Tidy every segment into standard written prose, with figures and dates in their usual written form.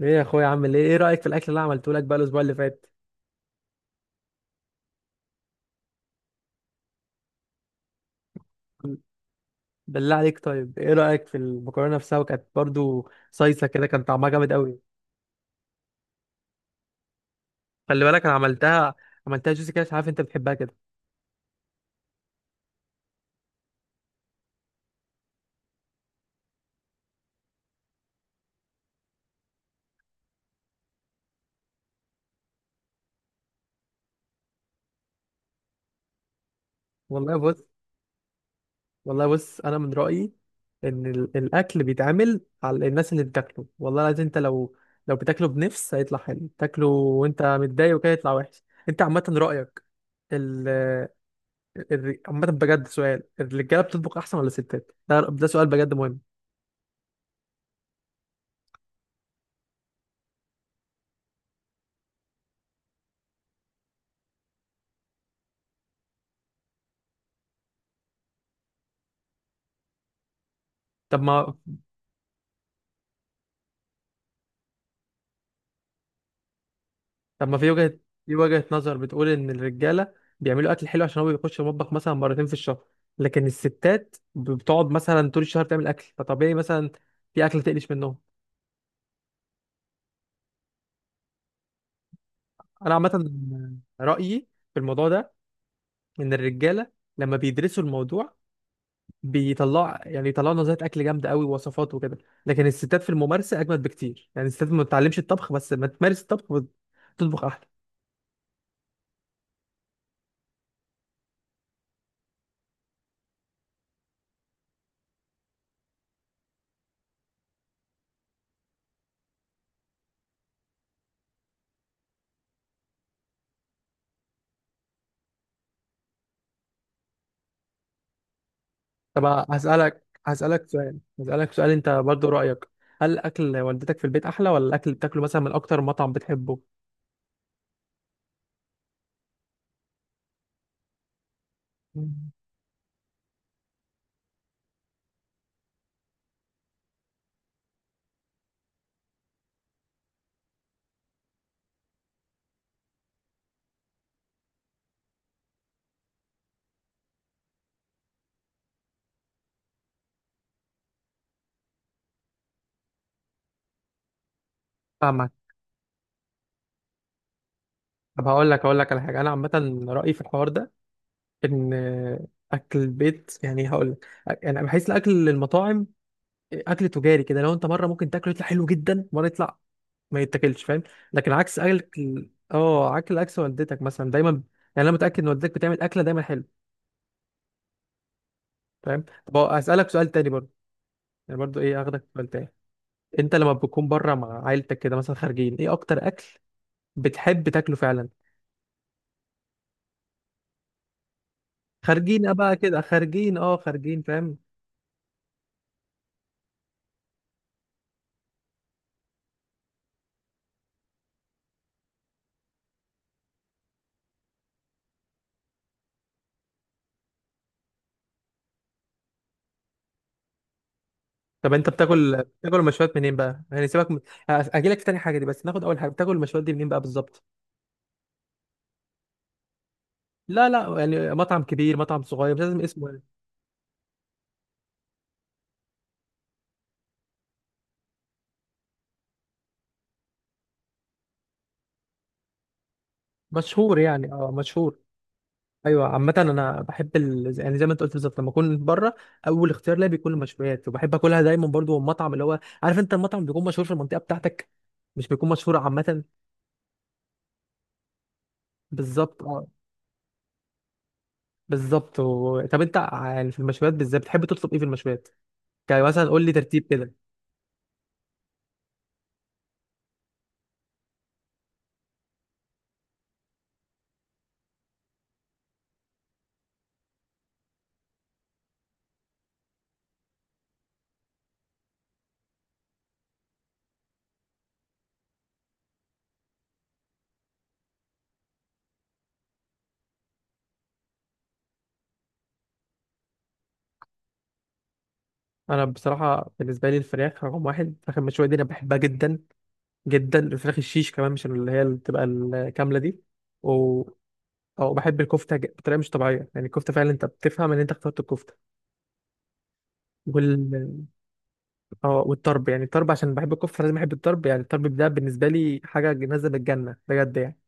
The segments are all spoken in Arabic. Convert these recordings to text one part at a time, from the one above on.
ايه يا اخويا، عامل ايه رايك في الاكل اللي عملته لك بقى الاسبوع اللي فات؟ بالله عليك، طيب ايه رايك في المكرونه نفسها؟ وكانت برضو صيصه كده، كان طعمها جامد قوي. خلي بالك انا عملتها جوسي كده، مش عارف انت بتحبها كده. والله بص والله بص، انا من رايي ان الاكل بيتعمل على الناس اللي بتاكله، والله العظيم. انت لو بتاكله بنفس هيطلع حلو، تاكله وانت متضايق وكده يطلع وحش. انت عامه رايك؟ ال عامه بجد سؤال، الرجاله بتطبخ احسن ولا الستات؟ ده سؤال بجد مهم. طب ما طب ما في وجهة نظر بتقول ان الرجالة بيعملوا اكل حلو عشان هو بيخش المطبخ مثلا مرتين في الشهر، لكن الستات بتقعد مثلا طول الشهر تعمل اكل، فطبيعي مثلا في اكل تقلش منهم. انا عامة رأيي في الموضوع ده ان الرجالة لما بيدرسوا الموضوع بيطلعوا يعني يطلعوا نظريات اكل جامدة قوي ووصفات وكده، لكن الستات في الممارسة اجمد بكتير. يعني الستات ما بتتعلمش الطبخ، بس ما تمارس الطبخ بتطبخ احلى. طب هسألك سؤال انت برضو، رأيك هل اكل والدتك في البيت احلى ولا الاكل اللي بتاكله مثلا من اكتر مطعم بتحبه؟ مم. فاهمك. طب هقول لك على حاجه، انا عامه رايي في الحوار ده ان اكل البيت، يعني هقول لك، يعني بحس الاكل المطاعم اكل تجاري كده، لو انت مره ممكن تاكله يطلع حلو جدا، مره يطلع ما يتاكلش، فاهم؟ لكن عكس اكل اه اكل عكس والدتك مثلا دايما. يعني انا متاكد ان والدتك بتعمل اكله دايما حلو، فاهم؟ طب اسالك سؤال تاني برضه، يعني برضه ايه اخدك في سؤال تاني. انت لما بتكون بره مع عيلتك كده مثلا خارجين، ايه اكتر اكل بتحب تاكله فعلا؟ خارجين اه بقى كده خارجين اه خارجين فاهم. طب انت بتاكل المشويات منين بقى؟ يعني سيبك من... اجي لك في تاني حاجه دي، بس ناخد اول حاجه، بتاكل المشويات دي منين بقى بالظبط؟ لا لا، يعني مطعم كبير مطعم صغير، مش لازم اسمه يعني. مشهور يعني مشهور. ايوه. عامه انا بحب يعني زي ما انت قلت بالظبط، لما اكون بره اول اختيار ليا بيكون المشويات، وبحب اكلها دايما برضو من مطعم، اللي هو عارف انت المطعم بيكون مشهور في المنطقه بتاعتك، مش بيكون مشهور عامه. بالظبط اه بالظبط طب انت يعني في المشويات بالذات بتحب تطلب ايه في المشويات؟ يعني مثلا قول لي ترتيب كده. انا بصراحه بالنسبه لي الفراخ رقم واحد، الفراخ المشويه دي انا بحبها جدا جدا. الفراخ الشيش كمان، مش اللي بتبقى الكامله دي. و... او بحب الكفته بطريقه مش طبيعيه، يعني الكفته فعلا انت بتفهم ان انت اخترت الكفته. وال اه والطرب، يعني الطرب عشان بحب الكفته لازم احب الطرب، يعني الطرب ده بالنسبه لي حاجه نازله من الجنه بجد يعني.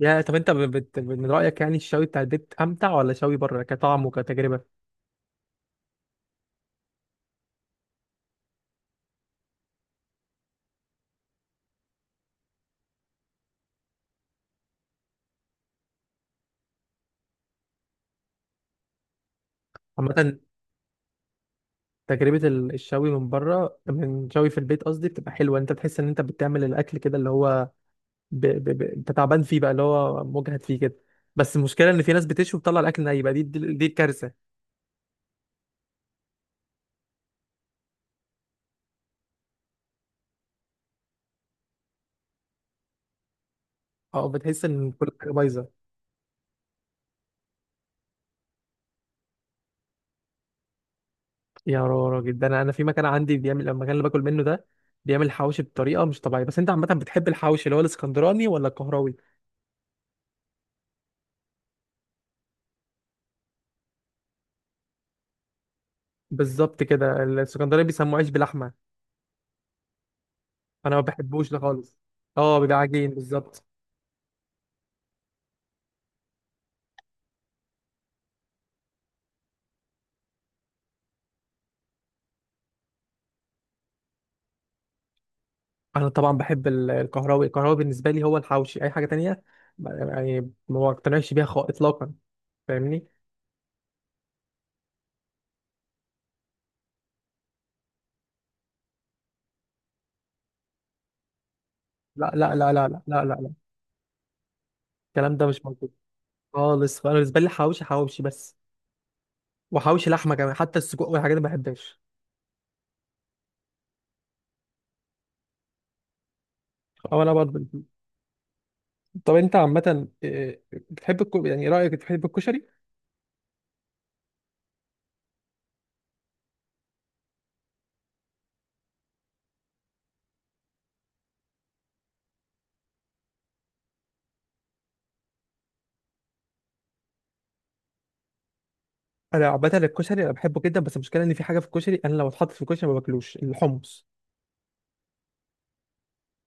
يا، طب انت من رايك يعني الشوي بتاع البيت امتع ولا شوي بره كطعم وكتجربه؟ عامه تجربة الشوي من بره، من شوي في البيت قصدي، بتبقى حلوة. انت بتحس ان انت بتعمل الاكل كده، اللي هو انت تعبان فيه بقى، اللي هو مجهد فيه كده. بس المشكلة ان في ناس بتشوي وبتطلع الاكل ني بقى، دي الكارثة. اه، بتحس ان كل حاجة بايظة. يا راجل، ده انا في مكان عندي، بيعمل المكان اللي باكل منه ده بيعمل حواوشي بطريقة مش طبيعية. بس انت عامة بتحب الحواوشي اللي هو الاسكندراني ولا القهراوي؟ بالظبط كده، الاسكندراني بيسموه عيش بلحمة. انا ما بحبوش ده خالص. اه بيبقى عجين بالظبط. انا طبعا بحب الكهراوي بالنسبه لي هو الحوشي، اي حاجه تانية يعني ما اقتنعش بيها اطلاقا، فاهمني؟ لا، لا، لا، لا، لا، لا، لا، لا. الكلام ده مش موجود خالص. فانا بالنسبه لي حوشي حوشي بس، وحوشي لحمه كمان. حتى السجق والحاجات دي ما بحبهاش. او انا برضه. طب انت عامه إيه، بتحب يعني رايك بتحب الكشري؟ انا عامه الكشري انا بحبه جدا، بس المشكله ان في حاجه في الكشري انا لو اتحط في الكشري ما باكلوش، الحمص.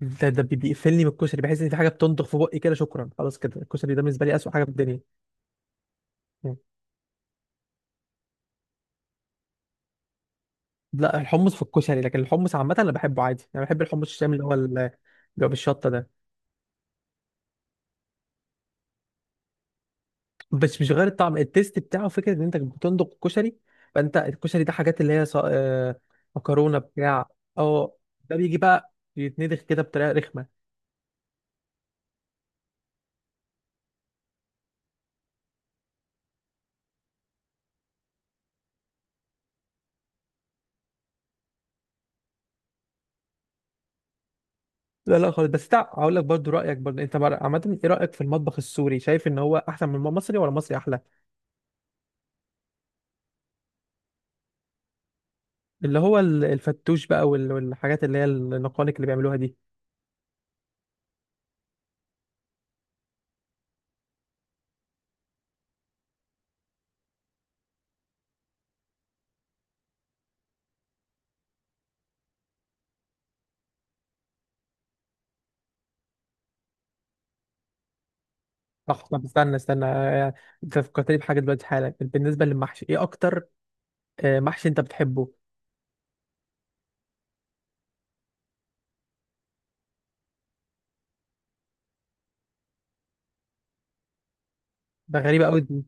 ده بيقفلني من الكشري، بحس ان في حاجه بتنضغ في بقي كده، شكرا خلاص كده الكشري ده بالنسبه لي اسوء حاجه في الدنيا. لا، الحمص في الكشري، لكن الحمص عامة أنا بحبه عادي. أنا بحب الحمص الشامي اللي هو اللي هو بالشطة ده. بس مش غير الطعم، التيست بتاعه، فكرة إن أنت بتندق الكشري، فأنت الكشري ده حاجات اللي هي ص... آه، مكرونة بتاع. أه. ده بيجي بقى يتندخ كده بطريقة رخمة. لا لا خالص. بس هقول لك برضو رأيك، برضو أنت عامة إيه رأيك في المطبخ السوري؟ شايف إن هو أحسن من المصري ولا المصري أحلى؟ اللي هو الفتوش بقى، والحاجات اللي هي النقانق اللي بيعملوها دي. صح. طب استنى استنى، انت فكرتني بحاجه دلوقتي حالا، بالنسبه للمحشي ايه اكتر محشي انت بتحبه؟ ده غريبه قوي دي.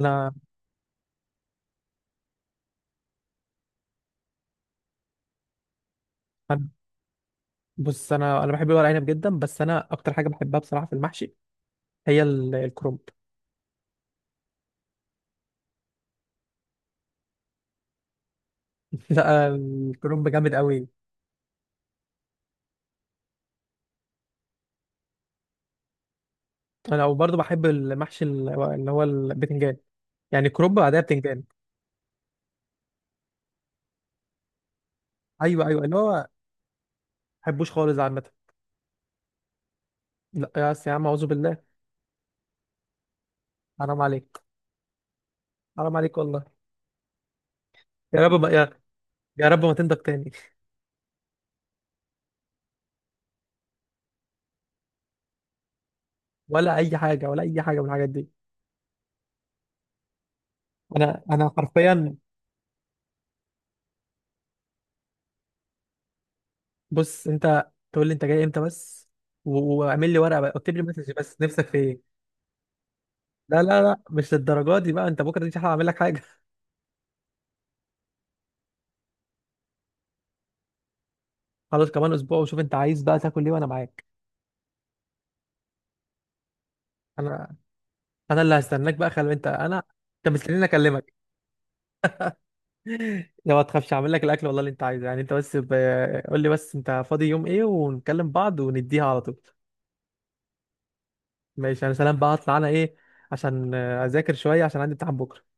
انا أنا- بص انا بحب الورق عنب جدا، بس انا اكتر حاجه بحبها بصراحه في المحشي هي الكرنب. لا، الكرنب جامد قوي. انا وبرضه بحب المحشي اللي هو البتنجان، يعني كرنب بعدها بتنجان. ايوه ايوه، اللي هو ما بحبوش خالص عامه. لا يا يا عم اعوذ بالله. حرام عليك، حرام عليك والله. يا رب ما يا, يا رب ما تنضج تاني. ولا اي حاجه، ولا اي حاجه من الحاجات دي. انا حرفيا، بص انت تقول لي انت جاي امتى بس، واعمل لي ورقه بقى، اكتب لي مسج بس نفسك في ايه. لا لا لا، مش للدرجه دي بقى، انت بكره دي اعمل لك حاجه. خلاص كمان اسبوع، وشوف انت عايز بقى تاكل ايه وانا معاك. انا انا اللي هستناك بقى، خلي انت انا، انت مستنيني اكلمك. لو ما تخافش هعمل لك الاكل والله اللي انت عايزه، يعني انت بس قول لي بس انت فاضي يوم ايه، ونكلم بعض ونديها على طول. ماشي. انا سلام بقى، هطلع انا ايه عشان اذاكر شويه عشان عندي امتحان بكره.